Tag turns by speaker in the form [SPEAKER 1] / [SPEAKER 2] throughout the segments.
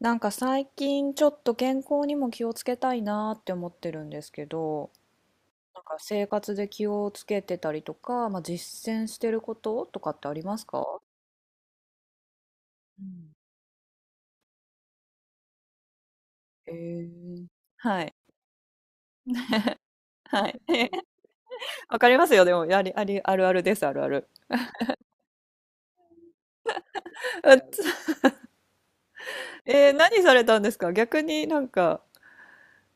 [SPEAKER 1] なんか最近ちょっと健康にも気をつけたいなーって思ってるんですけど、なんか生活で気をつけてたりとか、まあ、実践してることとかってありますか？うん。えー、はい。はい。わかりますよ。でも、あり、あり、あるあるです、あるある。うっつ。えー、何されたんですか逆に？なんか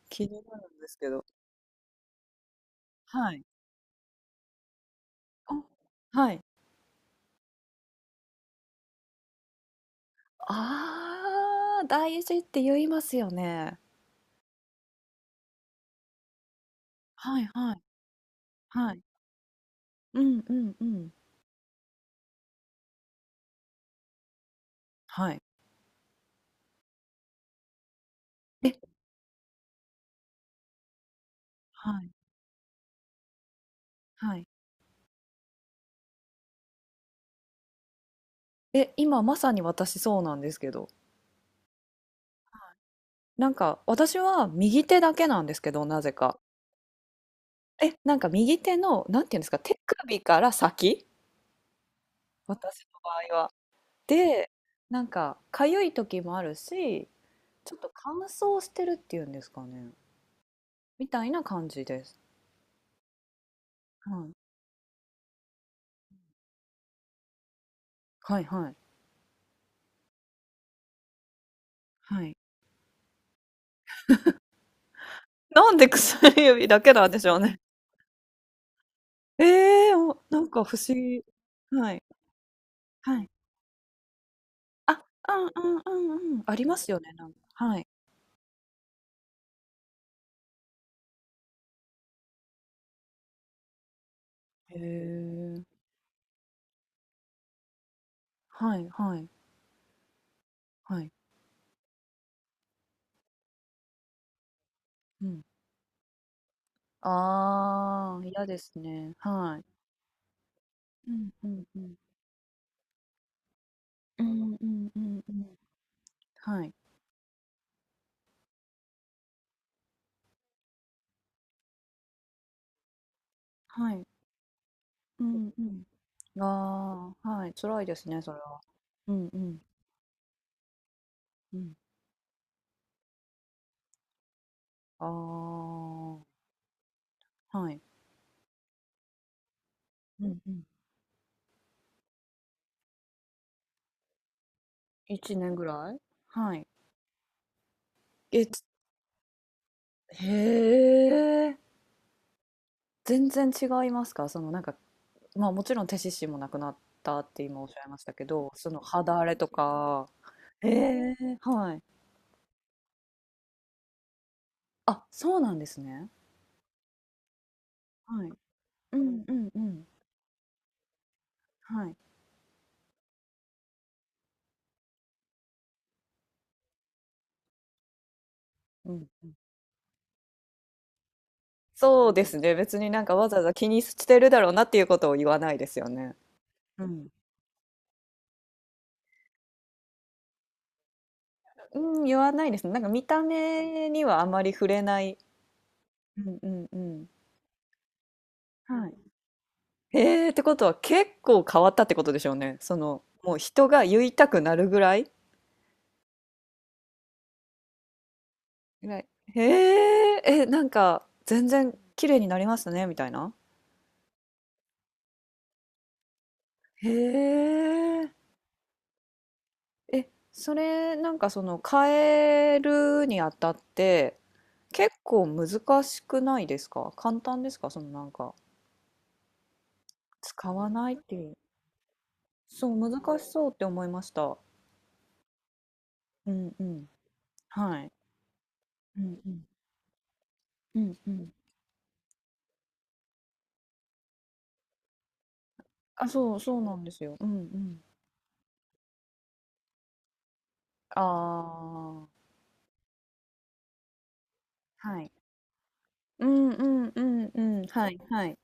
[SPEAKER 1] 気になるんですけど。はい。あ、はい。ああ、大事って言いますよね。はいはいはい。うんうんうん。はい。え、はい。はい。え、今まさに私そうなんですけど、なんか私は右手だけなんですけど、なぜか。え、なんか右手の、なんていうんですか、手首から先、私の場合は。で、なんか痒い時もあるし、ちょっと乾燥してるっていうんですかね、みたいな感じです。はい、はい、はい。はい。なんで薬指だけなんでしょうね。ええー、お、なんか不思議。はい、はい。あ、うんうんうんうん。ありますよね、なんかはい。へえ。はいはいはい。うん。ああ、嫌ですね。はい。うんうんうん。うんうんうんうん。はい。はい。うんうん。ああ、はい、辛いですね、それは。うんうんうん。ああ、はい。うんうん。1年ぐらい？はい。え、つ、へえ。全然違いますか？そのなんか、まあもちろん手獅子もなくなったって今おっしゃいましたけど、その肌荒れとか、ええ、はい。あ、そうなんですね。はい。うんうんうん。はい。うんうん。そうですね。別になんかわざわざ気にしてるだろうなっていうことを言わないですよね。うん。うん、言わないですね。なんか見た目にはあまり触れない。うんうんうん。はい。ええ、ってことは結構変わったってことでしょうね。その、もう人が言いたくなるぐらい偉い。へえ、え、なんか、全然綺麗になりましたね、みたいな。へえ、え、それ、なんかその、変えるにあたって、結構難しくないですか？簡単ですか？そのなんか、使わないっていう。そう、難しそうって思いました。うんうん。はい。うんうん。うんうん。あ、そう、そうなんですよ。うんうん。ああ、はい。うんうんうんうん。はいはい。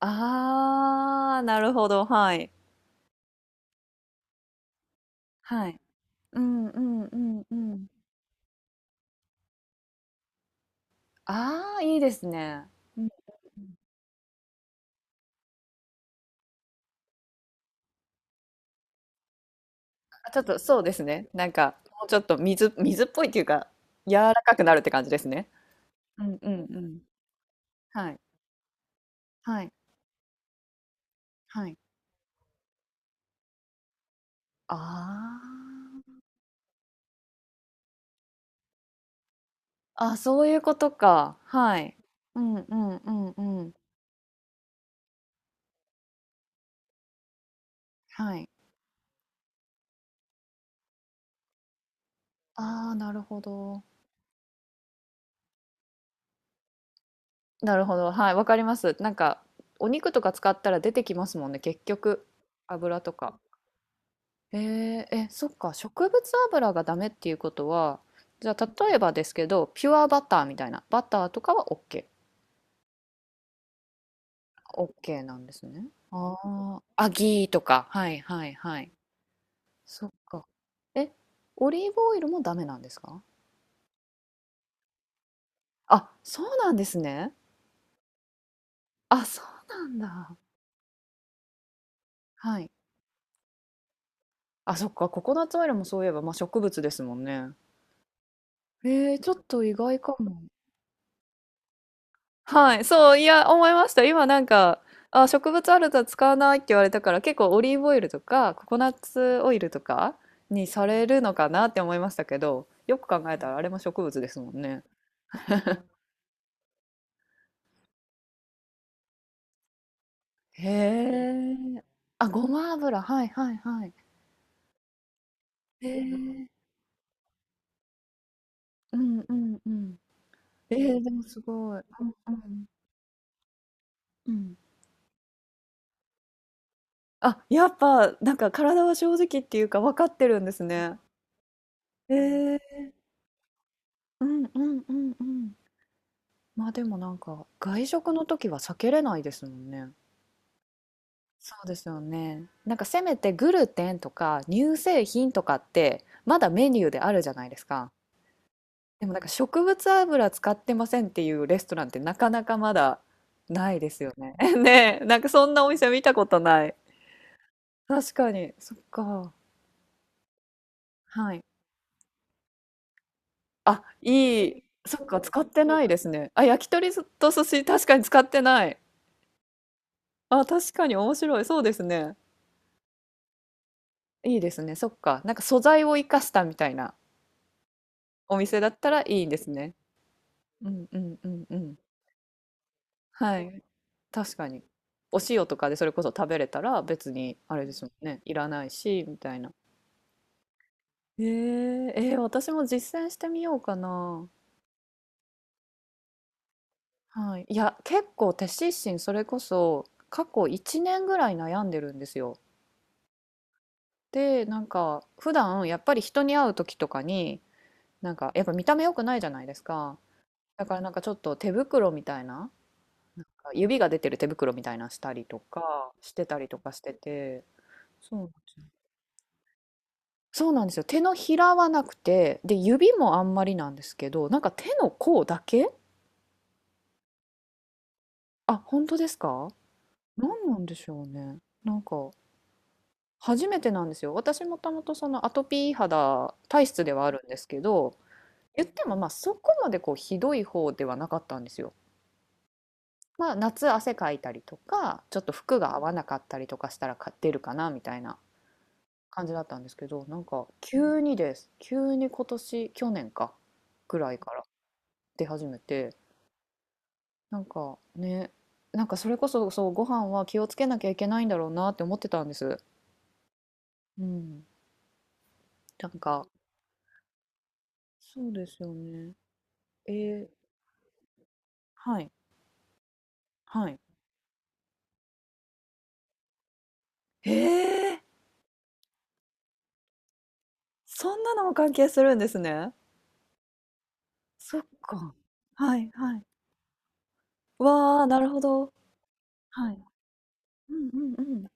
[SPEAKER 1] ああ、なるほど、はい。はい。うんうんうんうん。ああ、いいですね。うんうん。あ、ちょっとそうですね。なんか、もうちょっと水水っぽいっていうか、柔らかくなるって感じですね。うんうんうん。はい。はい。はい。ああ。あ、そういうことか。はい。うんうんうんうん。はい。ああ、なるほど。なるほど、はい、わかります。なんか、お肉とか使ったら出てきますもんね、結局。油とか。えー、え、そっか、植物油がダメっていうことは、じゃあ例えばですけど、ピュアバターみたいな、バターとかは OK。OK なんですね。ああ、アギーとか。はいはいはい。そっか。え、オリーブオイルもダメなんですか？あ、そうなんですね。あ、そうなんだ。はい。あ、そっか、ココナッツオイルもそういえば、まあ、植物ですもんね。えー、ちょっと意外かも。はい、そう、いや、思いました。今なんか、あ、植物あると使わないって言われたから、結構オリーブオイルとか、ココナッツオイルとかにされるのかなって思いましたけど、よく考えたらあれも植物ですもんね。へえ。あ、ごま油。はいはいはい。へえ。うんうんうん。えー、でもすごい。うんうんうん。あ、やっぱ、なんか体は正直っていうか分かってるんですね。えー、うんうんうんうん。まあでもなんか外食の時は避けれないですもんね。そうですよね。なんかせめてグルテンとか乳製品とかってまだメニューであるじゃないですか。でもなんか植物油使ってませんっていうレストランってなかなかまだないですよね。ねえ、なんかそんなお店見たことない。確かに、そっか。はい。あ、いい。そっか、使ってないですね。あ、焼き鳥と寿司、確かに使ってない。あ、確かに面白い。そうですね。いいですね。そっか。なんか素材を生かしたみたいなお店だったらいいですね。うんうんうんうん。はい。確かに。お塩とかでそれこそ食べれたら別にあれですもんね。いらないし、みたいな。えー、えー私も実践してみようかな。はい。いや、結構手湿疹それこそ過去1年ぐらい悩んでるんですよ。で、なんか普段やっぱり人に会う時とかに、なんかやっぱ見た目良くないじゃないですか。だからなんかちょっと手袋みたいな。なんか指が出てる手袋みたいなのしたりとかしてたりとかしてて、そうなんですよ。そうなんですよ。手のひらはなくて、で、指もあんまりなんですけど、なんか手の甲だけ。あ、本当ですか？何なんでしょうね。なんか、初めてなんですよ。私もともとそのアトピー肌体質ではあるんですけど、言ってもまあそこまでこうひどい方ではなかったんですよ。まあ夏汗かいたりとか、ちょっと服が合わなかったりとかしたらか出るかなみたいな感じだったんですけど、なんか急にです。急に今年、去年か、ぐらいから出始めて、なんかね、なんかそれこそ、そう、ご飯は気をつけなきゃいけないんだろうなって思ってたんです。うん。なんか、そうですよね。えー、はい、はい。ええ、そんなのも関係するんですね。そっか。はいはい。わあ、なるほど。はい。うんうんうん。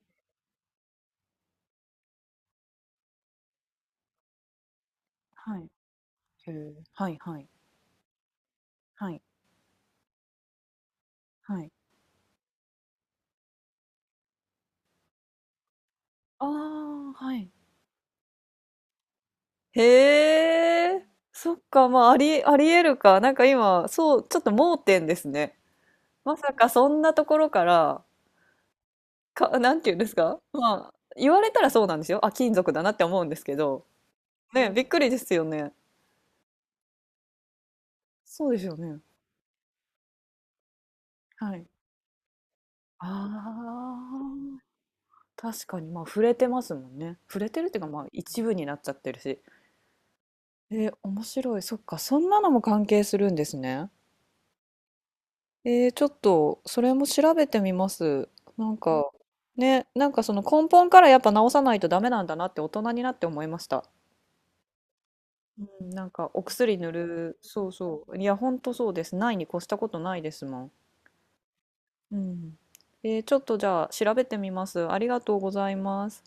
[SPEAKER 1] はい。へえ。はいはい。はい。はい。ああ、はい。へえ、そっか、まあ、ありえるか。なんか今、そう、ちょっと盲点ですね。まさかそんなところから、か、なんて言うんですか、まあ、言われたらそうなんですよ。あ、金属だなって思うんですけど。ね、びっくりですよね。そうですよね。はい。ああ、確かに、まあ、触れてますもんね。触れてるっていうか、まあ、一部になっちゃってるし。えー面白い。そっか、そんなのも関係するんですね。えー、ちょっと、それも調べてみます。なんか、ね、なんかその根本からやっぱ治さないとダメなんだなって大人になって思いました。うん、なんかお薬塗る、そうそう。いや、ほんとそうです。ないに越したことないですもん。うん。えー、ちょっとじゃあ調べてみます。ありがとうございます。